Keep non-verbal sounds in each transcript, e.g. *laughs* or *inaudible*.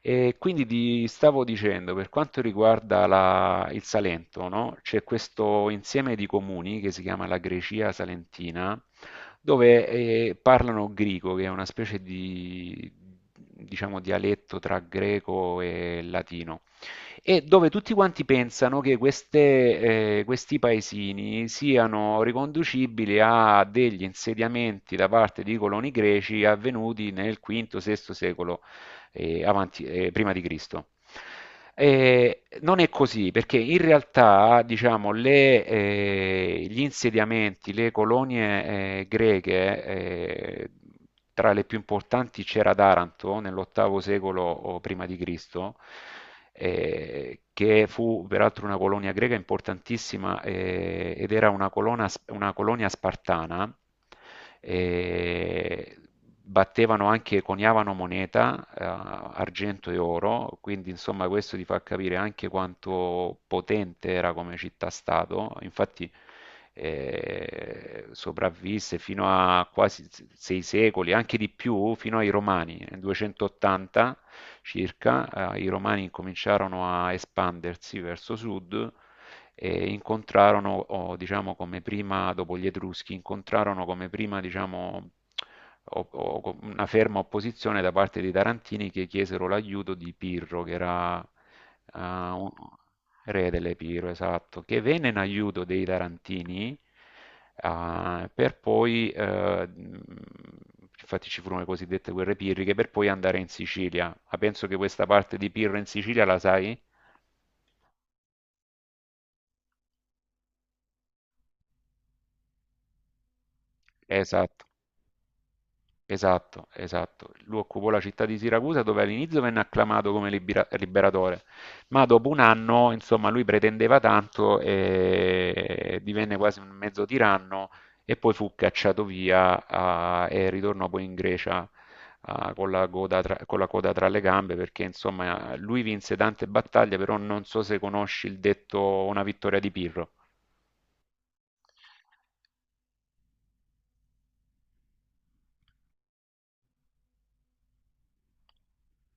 E quindi ti stavo dicendo, per quanto riguarda il Salento, no? C'è questo insieme di comuni che si chiama la Grecia Salentina, dove parlano greco, che è una specie di, diciamo, dialetto tra greco e latino e dove tutti quanti pensano che questi paesini siano riconducibili a degli insediamenti da parte di coloni greci avvenuti nel V-VI secolo prima di Cristo. Non è così, perché in realtà, diciamo, gli insediamenti, le colonie greche, tra le più importanti c'era Taranto nell'ottavo secolo o prima di Cristo, che fu peraltro una colonia greca importantissima ed era una colonia spartana e battevano anche, coniavano moneta, argento e oro, quindi insomma questo ti fa capire anche quanto potente era come città-stato. Infatti sopravvisse fino a quasi 6 secoli, anche di più, fino ai Romani, nel 280 circa, i Romani cominciarono a espandersi verso sud e incontrarono, o, diciamo, come prima, dopo gli Etruschi, incontrarono come prima, diciamo, una ferma opposizione da parte dei Tarantini che chiesero l'aiuto di Pirro, che era eh, un- re delle Pirro, esatto, che venne in aiuto dei Tarantini. eh, per poi, eh, infatti ci furono le cosiddette guerre pirriche, per poi andare in Sicilia. Ma penso che questa parte di Pirro in Sicilia la sai? Esatto. Esatto, esatto. Lui occupò la città di Siracusa dove all'inizio venne acclamato come liberatore, ma dopo un anno, insomma, lui pretendeva tanto e divenne quasi un mezzo tiranno e poi fu cacciato via e ritornò poi in Grecia con con la coda tra le gambe perché, insomma, lui vinse tante battaglie, però non so se conosci il detto una vittoria di Pirro.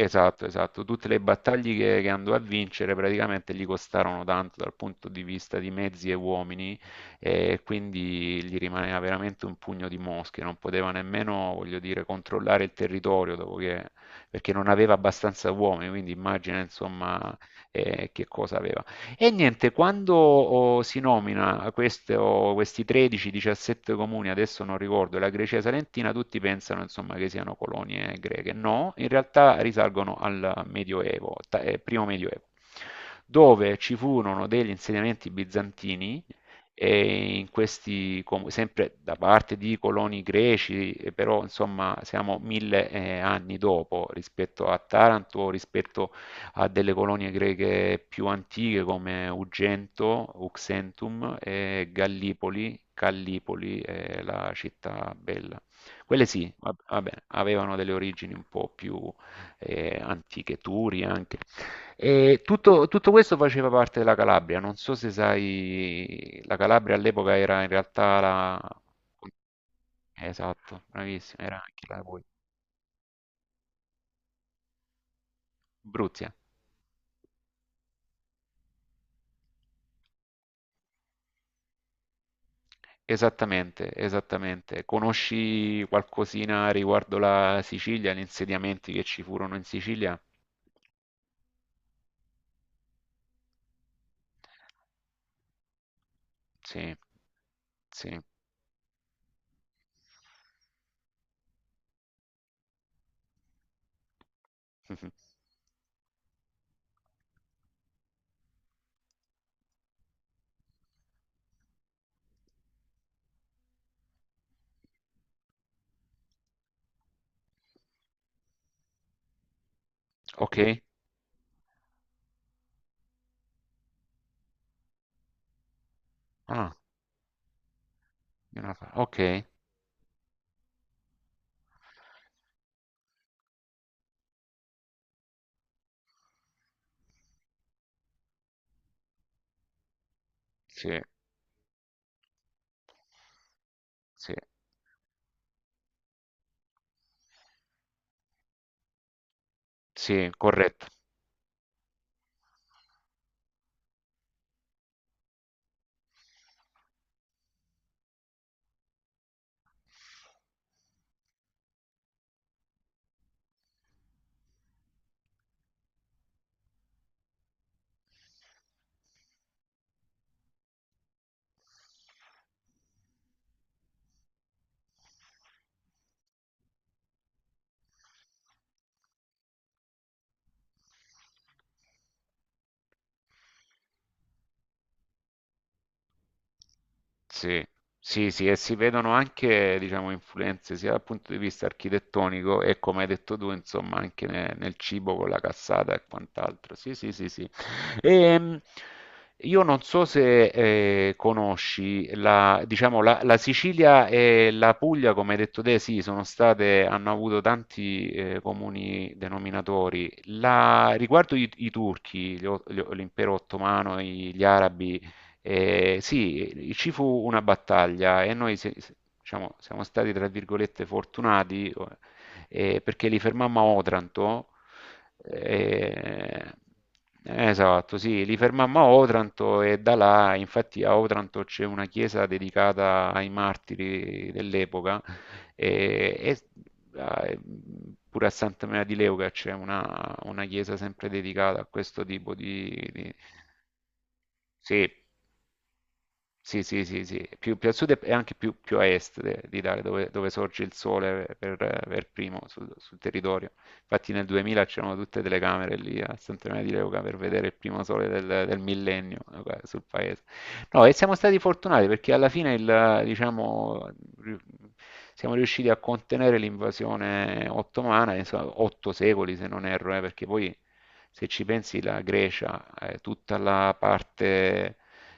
Esatto, esatto. Tutte le battaglie che andò a vincere praticamente gli costarono tanto dal punto di vista di mezzi e uomini e quindi gli rimaneva veramente un pugno di mosche. Non poteva nemmeno, voglio dire, controllare il territorio perché non aveva abbastanza uomini, quindi immagina insomma che cosa aveva. E niente, quando si nomina questi 13-17 comuni, adesso non ricordo, la Grecia Salentina, tutti pensano insomma, che siano colonie greche. No, in realtà risalgono al Medioevo, primo Medioevo, dove ci furono degli insediamenti bizantini e in questi comuni, sempre da parte di coloni greci, però insomma siamo 1.000 anni dopo rispetto a Taranto, rispetto a delle colonie greche più antiche come Ugento, Uxentum e Gallipoli, Callipoli è la città bella. Quelle sì, vabbè, avevano delle origini un po' più antiche, Turi anche. E tutto questo faceva parte della Calabria, non so se sai, la Calabria all'epoca era in realtà la... Esatto, bravissima, era anche la Abruzia. Esattamente, esattamente. Conosci qualcosina riguardo la Sicilia, gli insediamenti che ci furono in Sicilia? Sì, sì. *laughs* Mhm. Ok? Ah, ok. Sì, sì, sì, corretto. Sì, sì, sì, e si vedono anche, diciamo, influenze sia dal punto di vista architettonico e come hai detto tu, insomma, anche nel cibo con la cassata e quant'altro. Sì, sì, sì, sì. Ehm, io non so se conosci la, diciamo, la Sicilia e la Puglia, come hai detto te, sì, sono state, hanno avuto tanti comuni denominatori. Riguardo i turchi, l'impero ottomano, gli arabi, sì, ci fu una battaglia e noi diciamo, siamo stati, tra virgolette, fortunati perché li fermammo a Otranto. eh, Esatto, sì, li fermammo a Otranto e da là, infatti a Otranto c'è una chiesa dedicata ai martiri dell'epoca e, e- e pure a Santa Maria di Leuca c'è una chiesa sempre dedicata a questo tipo. Sì, sì, sì, sì, sì, più a sud e anche più a est d'Italia, dove sorge il sole per primo sul territorio. Infatti nel 2000 c'erano tutte telecamere lì a Sant'Emilio di Leuca per vedere il primo sole del millennio sul paese. No, e siamo stati fortunati perché alla fine diciamo, ri- siamo riusciti a contenere l'invasione ottomana, insomma, 8 secoli se non erro, perché poi se ci pensi la Grecia, tutta la parte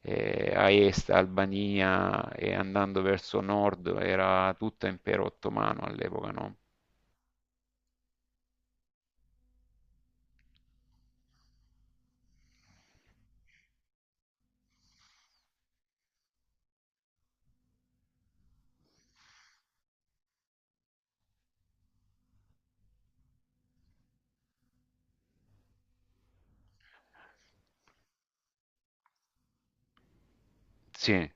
a est, Albania e andando verso nord era tutto impero ottomano all'epoca, no? Sì,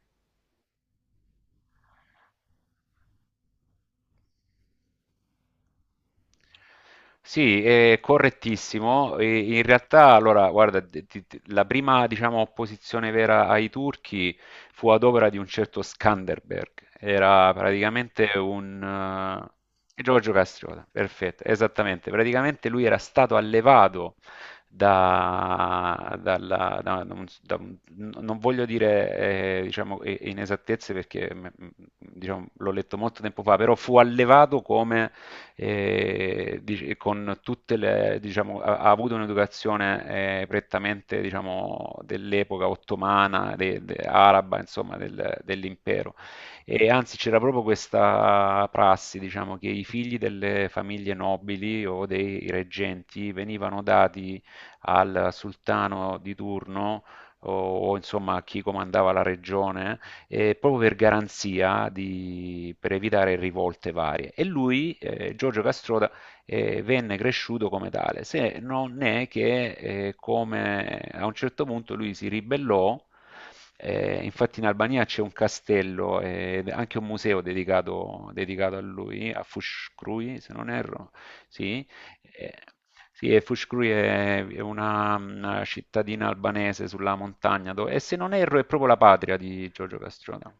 sì, è correttissimo. E in realtà, allora, guarda, la prima, diciamo, opposizione vera ai turchi fu ad opera di un certo Skanderberg. Era praticamente un... Giorgio Castriota, perfetto, esattamente. Praticamente lui era stato allevato da, dalla- da- da un- non voglio dire, diciamo, inesattezze perché, diciamo, l'ho letto molto tempo fa, però fu allevato come con tutte le, diciamo, ha avuto un'educazione prettamente, diciamo, dell'epoca ottomana, araba, insomma, dell'impero. E anzi, c'era proprio questa prassi, diciamo, che i figli delle famiglie nobili o dei reggenti venivano dati al sultano di turno insomma a chi comandava la regione proprio per garanzia, per evitare rivolte varie. E lui, Giorgio Castroda, venne cresciuto come tale, se non è che come a un certo punto lui si ribellò, infatti in Albania c'è un castello e anche un museo dedicato a lui, a Fuscrui, se non erro, sì, eh, sì, e Fouche-Couli è una cittadina albanese sulla montagna, e se non erro è proprio la patria di Giorgio Castrota.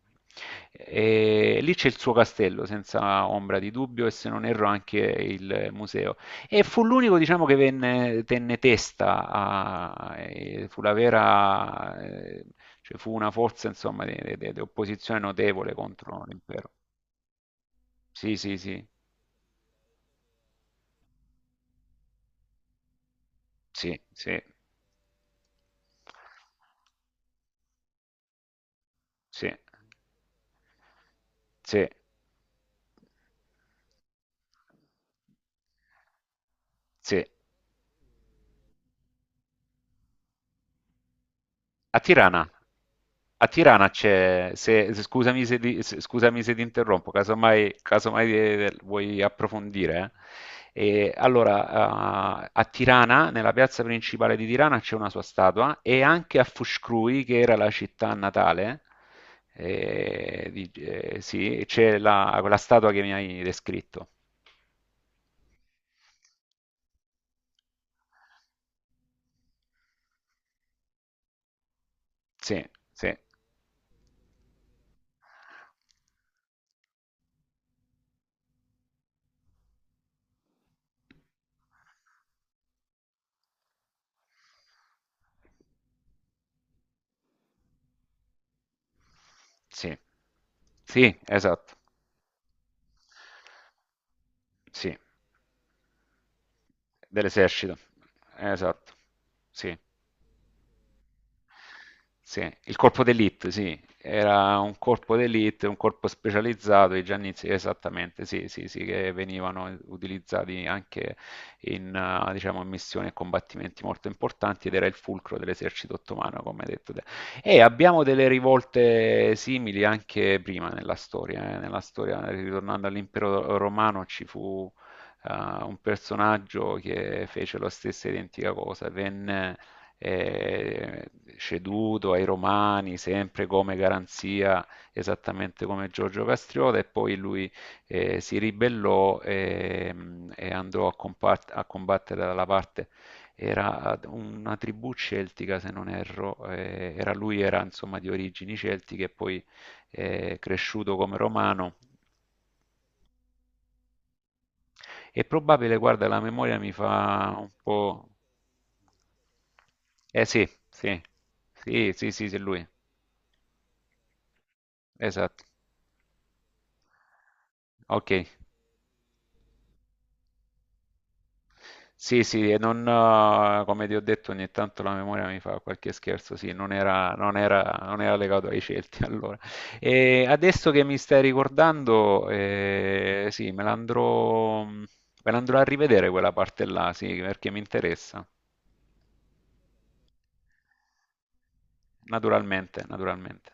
E lì c'è il suo castello, senza ombra di dubbio, e se non erro anche il museo. E fu l'unico, diciamo, che tenne testa, e fu la vera, cioè fu una forza, insomma, di opposizione notevole contro l'impero. Sì, sì, sì, sì, sì, sì, sì. Sì, a Tirana. A Tirana c'è, scusami se, scusami se ti interrompo, casomai vuoi approfondire. E allora, a Tirana, nella piazza principale di Tirana, c'è una sua statua e anche a Fuscrui, che era la città natale, sì, c'è quella statua che mi hai descritto. Sì, sì. Sì. Sì, esatto. Sì, dell'esercito. Esatto. Sì. Sì, il corpo d'elite, sì, era un corpo d'elite, un corpo specializzato, i Giannizzi, esattamente, sì, sì, sì, che venivano utilizzati anche diciamo, in missioni e combattimenti molto importanti ed era il fulcro dell'esercito ottomano, come hai detto te. E abbiamo delle rivolte simili anche prima nella storia, ritornando all'impero romano, ci fu un personaggio che fece la stessa identica cosa, venne eh, ceduto ai Romani, sempre come garanzia, esattamente come Giorgio Castriota, e poi lui si ribellò e andò a combattere dalla parte era una tribù celtica, se non erro, lui era insomma di origini celtiche e poi cresciuto come romano. È probabile, guarda, la memoria mi fa un po'. Eh sì, sì, sì, sì, sì, sì, lui, esatto. Ok, sì, sì, e non, come ti ho detto, ogni tanto la memoria mi fa qualche scherzo, sì, non era legato ai Celti *laughs* allora. E adesso che mi stai ricordando, sì, me l'andrò a rivedere quella parte là, sì, perché mi interessa, naturalmente, naturalmente.